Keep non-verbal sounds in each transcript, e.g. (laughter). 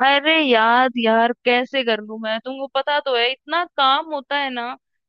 अरे याद यार कैसे कर लूं? मैं तुमको पता तो है, इतना काम होता है ना।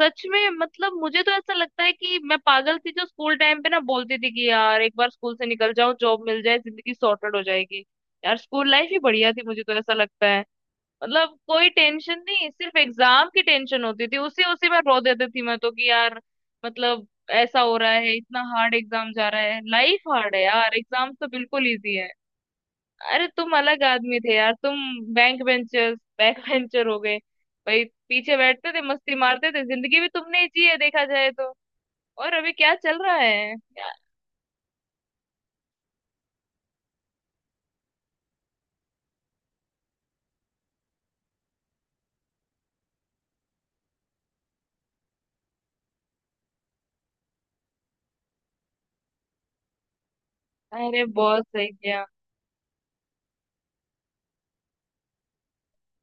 सच में, मतलब मुझे तो ऐसा लगता है कि मैं पागल थी जो स्कूल टाइम पे ना बोलती थी कि यार एक बार स्कूल से निकल जाओ, जॉब मिल जाए, जिंदगी सॉर्टेड हो जाएगी। यार स्कूल लाइफ ही बढ़िया थी, मुझे तो ऐसा लगता है। मतलब कोई टेंशन नहीं, सिर्फ एग्जाम की टेंशन होती थी, उसी उसी में रो देती थी मैं तो कि यार, मतलब ऐसा हो रहा है, इतना हार्ड एग्जाम जा रहा है, लाइफ हार्ड है यार, एग्जाम तो बिल्कुल इजी है। अरे तुम अलग आदमी थे यार तुम। बैंक बेंचर्स बैक बेंचर (laughs) हो गए भाई। पीछे बैठते थे, मस्ती मारते थे, जिंदगी भी तुमने ही जी है, देखा जाए तो। और अभी क्या चल रहा है अरे बहुत सही किया।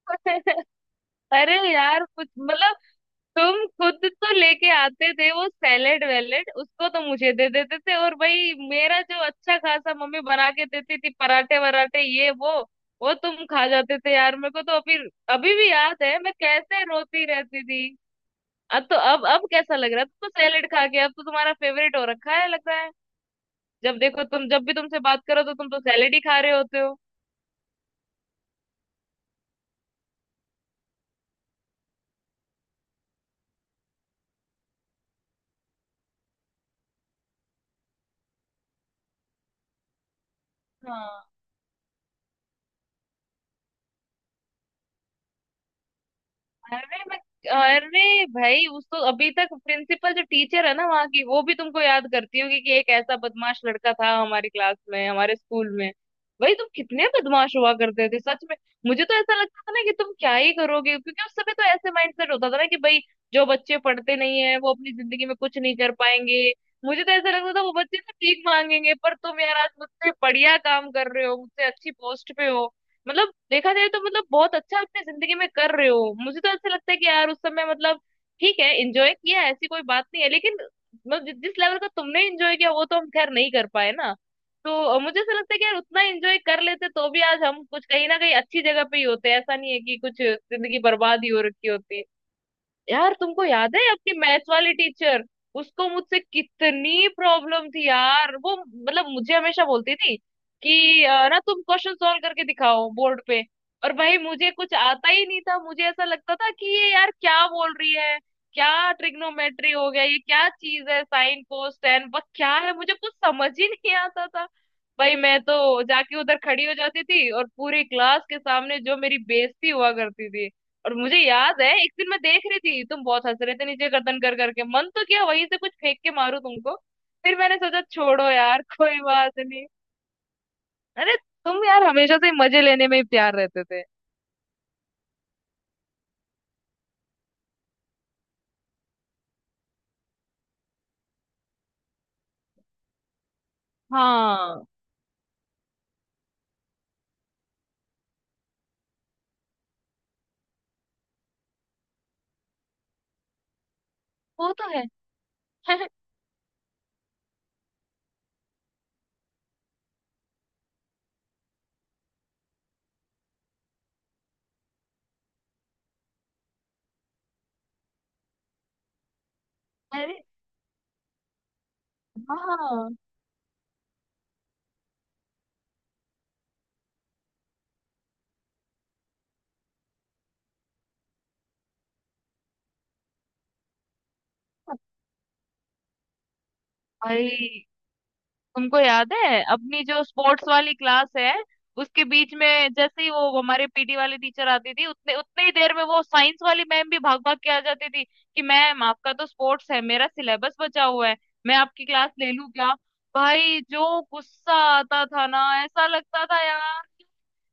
(laughs) अरे यार कुछ मतलब तुम खुद तो लेके आते थे वो सैलेड वैलेड, उसको तो मुझे दे देते थे, और भाई मेरा जो अच्छा खासा मम्मी बना के देती थी पराठे वराठे ये वो तुम खा जाते थे यार। मेरे को तो अभी अभी भी याद है मैं कैसे रोती रहती थी। अब तो, अब कैसा लग रहा है? तुम तो सैलेड खा के, अब तो तुम्हारा फेवरेट हो रखा है लग रहा है। जब देखो तुम, जब भी तुमसे बात करो तो तुम तो सैलेड ही खा रहे होते हो। हाँ। अरे मैं, अरे भाई उसको अभी तक प्रिंसिपल, जो टीचर है ना वहाँ की, वो भी तुमको याद करती होगी कि एक ऐसा बदमाश लड़का था हमारी क्लास में, हमारे स्कूल में। भाई तुम कितने बदमाश हुआ करते थे सच में। मुझे तो ऐसा लगता था ना कि तुम क्या ही करोगे, क्योंकि उस समय तो ऐसे माइंडसेट होता था ना कि भाई जो बच्चे पढ़ते नहीं है वो अपनी जिंदगी में कुछ नहीं कर पाएंगे। मुझे तो ऐसा लगता था वो बच्चे तो ठीक मांगेंगे, पर तुम यार आज मुझसे बढ़िया काम कर रहे हो, मुझसे अच्छी पोस्ट पे हो। मतलब देखा जाए तो, मतलब बहुत अच्छा अपनी जिंदगी में कर रहे हो। मुझे तो ऐसा लगता है कि यार उस समय, मतलब ठीक है एंजॉय किया, ऐसी कोई बात नहीं है, लेकिन मतलब जिस लेवल का तुमने एंजॉय किया वो तो हम खैर नहीं कर पाए ना। तो मुझे ऐसा लगता है कि यार उतना एंजॉय कर लेते तो भी आज हम कुछ कहीं ना कहीं अच्छी जगह पे ही होते, ऐसा नहीं है कि कुछ जिंदगी बर्बाद ही हो रखी होती। यार तुमको याद है अपनी मैथ वाली टीचर? उसको मुझसे कितनी प्रॉब्लम थी यार, वो मतलब मुझे हमेशा बोलती थी कि ना तुम क्वेश्चन सॉल्व करके दिखाओ बोर्ड पे। और भाई मुझे कुछ आता ही नहीं था, मुझे ऐसा लगता था कि ये यार क्या बोल रही है। क्या ट्रिग्नोमेट्री हो गया, ये क्या चीज है साइन कोस टेन बस, क्या है? मुझे कुछ समझ ही नहीं आता था। भाई मैं तो जाके उधर खड़ी हो जाती थी और पूरी क्लास के सामने जो मेरी बेइज्जती हुआ करती थी। और मुझे याद है एक दिन, मैं देख रही थी तुम बहुत हंस रहे थे नीचे गर्दन कर करके। मन तो किया वहीं से कुछ फेंक के मारूं तुमको, फिर मैंने सोचा छोड़ो यार कोई बात नहीं। अरे तुम यार हमेशा से मजे लेने में ही प्यार रहते थे। हाँ। वो तो है। (laughs) अरे हाँ। भाई तुमको याद है अपनी जो स्पोर्ट्स वाली क्लास है, उसके बीच में जैसे ही वो हमारे पीटी वाली टीचर आती थी, उतने उतने ही देर में वो साइंस वाली मैम भी भाग भाग के आ जाती थी कि मैम आपका तो स्पोर्ट्स है, मेरा सिलेबस बचा हुआ है, मैं आपकी क्लास ले लूं क्या? भाई जो गुस्सा आता था ना, ऐसा लगता था यार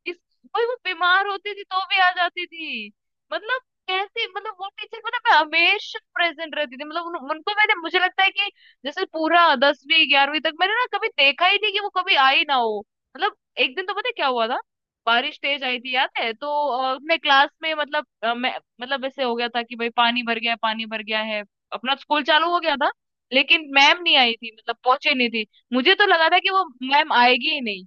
इस, भाई वो बीमार होती थी तो भी आ जाती थी। मतलब कैसे, मतलब वो टीचर, मतलब मैं हमेशा प्रेजेंट रहती थी, मतलब उनको मैंने, मुझे लगता है कि जैसे पूरा दसवीं ग्यारहवीं तक मैंने ना कभी देखा ही नहीं कि वो कभी आई ना हो। मतलब एक दिन तो पता है क्या हुआ था, बारिश तेज आई थी याद है तो, मैं क्लास में, मतलब मैं, मतलब ऐसे हो गया था कि भाई पानी भर गया है, पानी भर गया है, अपना स्कूल चालू हो गया था लेकिन मैम नहीं आई थी, मतलब पहुंचे नहीं थी। मुझे तो लगा था कि वो मैम आएगी ही नहीं,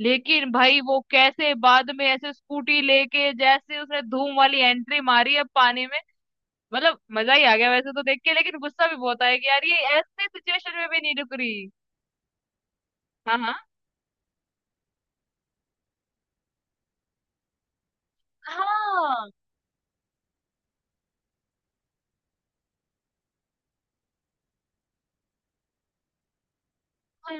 लेकिन भाई वो कैसे बाद में ऐसे स्कूटी लेके जैसे उसने धूम वाली एंट्री मारी है पानी में। मतलब मजा ही आ गया वैसे तो देख के, लेकिन गुस्सा भी बहुत आया कि यार ये ऐसे सिचुएशन में भी नहीं रुक रही। हाँ हाँ हाँ हाँ।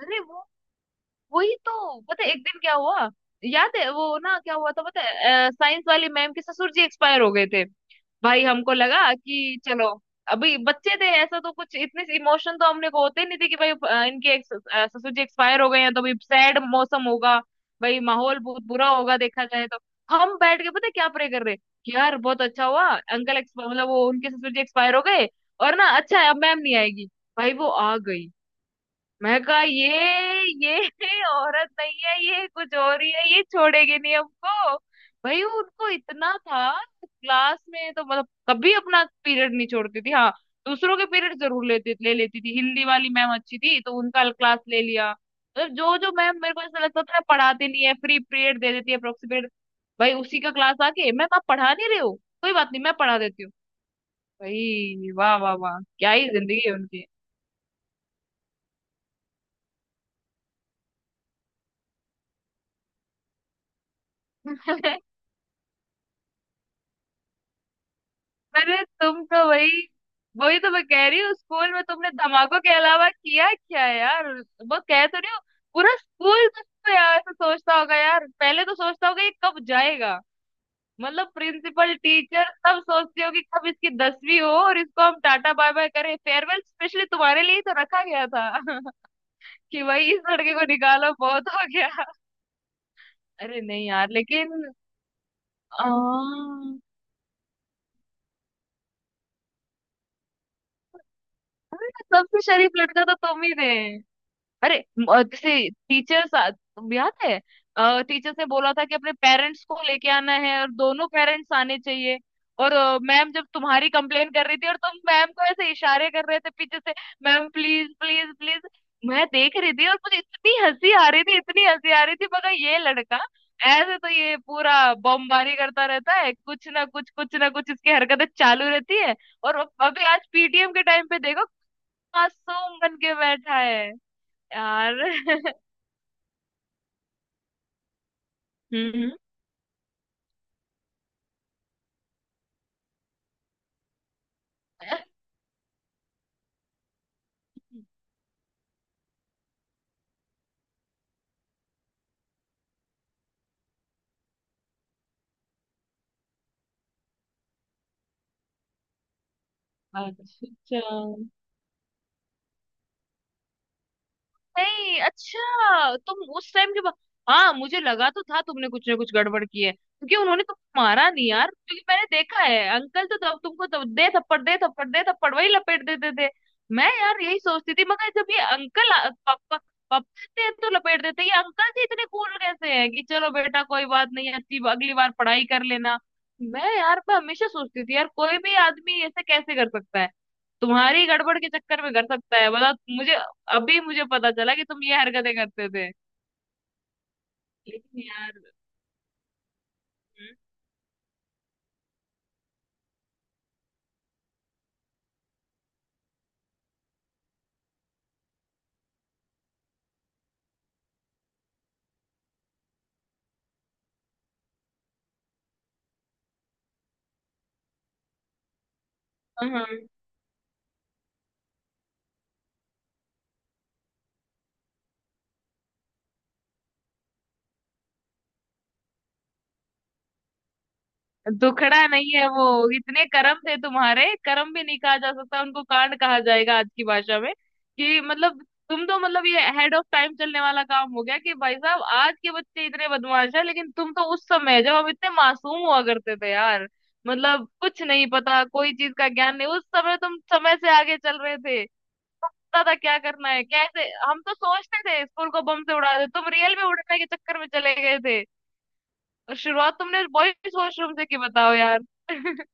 अरे वो, वही तो पता है एक दिन क्या हुआ। याद है वो ना क्या हुआ था? पता है, साइंस वाली मैम के ससुर जी एक्सपायर हो गए थे। भाई हमको लगा कि चलो, अभी बच्चे थे, ऐसा तो कुछ इतने इमोशन तो हमने को होते ही नहीं थे कि भाई इनके ससुर जी एक्सपायर हो गए हैं तो भी सैड मौसम होगा, भाई माहौल बहुत बुरा होगा देखा जाए तो। हम बैठ के पता है क्या प्रे कर रहे कि यार बहुत अच्छा हुआ अंकल एक्स, मतलब वो उनके ससुर जी एक्सपायर हो गए, और ना अच्छा है अब मैम नहीं आएगी। भाई वो आ गई, मैं कहा ये (laughs) औरत नहीं है, ये कुछ और ही है, ये छोड़ेगी नहीं हमको। भाई उनको इतना था, क्लास में तो मतलब कभी अपना पीरियड नहीं छोड़ती थी, हाँ, दूसरों के पीरियड जरूर लेती ले लेती थी। हिंदी वाली मैम अच्छी थी तो उनका क्लास ले लिया, मतलब जो जो मैम मेरे को ऐसा लगता था पढ़ाती नहीं है, फ्री पीरियड दे देती है अप्रोक्सीमेट, भाई उसी का क्लास आके, मैं आप पढ़ा नहीं रहे हो कोई बात नहीं मैं पढ़ा देती हूँ। भाई वाह वाह वाह, क्या ही जिंदगी है उनकी। (laughs) अरे तुम तो वही वही तो मैं कह रही हूँ, स्कूल में तुमने धमाकों के अलावा किया क्या यार, वो कह तो रही हूँ। पूरा स्कूल तो यार ऐसा सोचता होगा यार, पहले तो सोचता होगा ये कब जाएगा। मतलब प्रिंसिपल, टीचर सब सोचते हो कि कब इसकी दसवीं हो और इसको हम टाटा बाय बाय करें। फेयरवेल स्पेशली तुम्हारे लिए ही तो रखा गया था। (laughs) कि भाई इस लड़के को निकालो बहुत हो गया। अरे नहीं यार लेकिन आ, अरे सबसे शरीफ लड़का तो तुम ही थे। अरे जैसे टीचर्स, याद है टीचर्स ने बोला था कि अपने पेरेंट्स को लेके आना है और दोनों पेरेंट्स आने चाहिए, और मैम जब तुम्हारी कंप्लेन कर रही थी और तुम मैम को ऐसे इशारे कर रहे थे पीछे से, मैम प्लीज प्लीज प्लीज। मैं देख रही थी और मुझे इतनी हंसी आ रही थी, इतनी हंसी आ रही थी, मगर ये लड़का ऐसे तो ये पूरा बमबारी करता रहता है, कुछ ना कुछ इसकी हरकतें चालू रहती है। और अभी आज पीटीएम के टाइम पे देखो, मासूम बन के बैठा है यार। (laughs) हम्म। अच्छा? नहीं, अच्छा, तुम उस टाइम के बाद, हाँ, मुझे लगा तो था तुमने कुछ ना कुछ गड़बड़ की है क्योंकि उन्होंने तुमको मारा नहीं यार, क्योंकि मैंने देखा है अंकल तो तब तुमको तब दे थप्पड़ दे थप्पड़ दे थप्पड़ वही लपेट देते थे। मैं यार यही सोचती थी मगर जब ये अंकल पापा, पापा देते हैं तो लपेट देते हैं। ये अंकल जी इतने कूल कैसे हैं कि चलो बेटा कोई बात नहीं, अच्छी अगली बार पढ़ाई कर लेना। मैं यार मैं हमेशा सोचती थी यार कोई भी आदमी ऐसे कैसे कर सकता है? तुम्हारी गड़बड़ के चक्कर में कर सकता है बता मुझे? अभी मुझे पता चला कि तुम ये हरकतें करते थे। लेकिन यार, हाँ, दुखड़ा नहीं है वो, इतने कर्म थे तुम्हारे, कर्म भी नहीं कहा जा सकता, उनको कांड कहा जाएगा आज की भाषा में। कि मतलब तुम तो, मतलब ये हेड ऑफ टाइम चलने वाला काम हो गया कि भाई साहब आज के बच्चे इतने बदमाश है, लेकिन तुम तो उस समय, जब हम इतने मासूम हुआ करते थे यार, मतलब कुछ नहीं पता, कोई चीज का ज्ञान नहीं, उस समय तुम समय से आगे चल रहे थे दादा। क्या करना है कैसे, हम तो सोचते थे स्कूल को बम से उड़ा दे, तुम रियल में उड़ने के चक्कर में चले गए थे। और शुरुआत तुमने बॉयज वॉशरूम से की, बताओ यार। (laughs)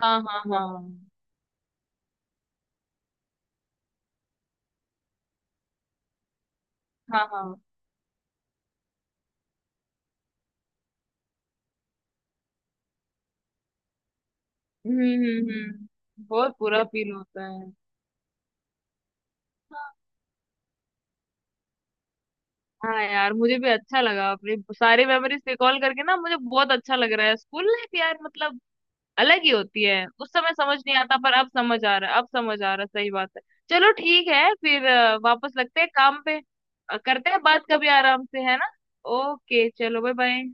हाँ हाँ हाँ हाँ हाँ। हम्म, बहुत बुरा फील होता है। हाँ यार मुझे भी अच्छा लगा अपने सारे मेमोरीज रिकॉल करके ना, मुझे बहुत अच्छा लग रहा है। स्कूल लाइफ यार, मतलब अलग ही होती है, उस समय समझ नहीं आता पर अब समझ आ रहा है, अब समझ आ रहा है, सही बात है। चलो ठीक है फिर, वापस लगते हैं काम पे। करते हैं बात कभी आराम से, है ना? ओके चलो बाय बाय।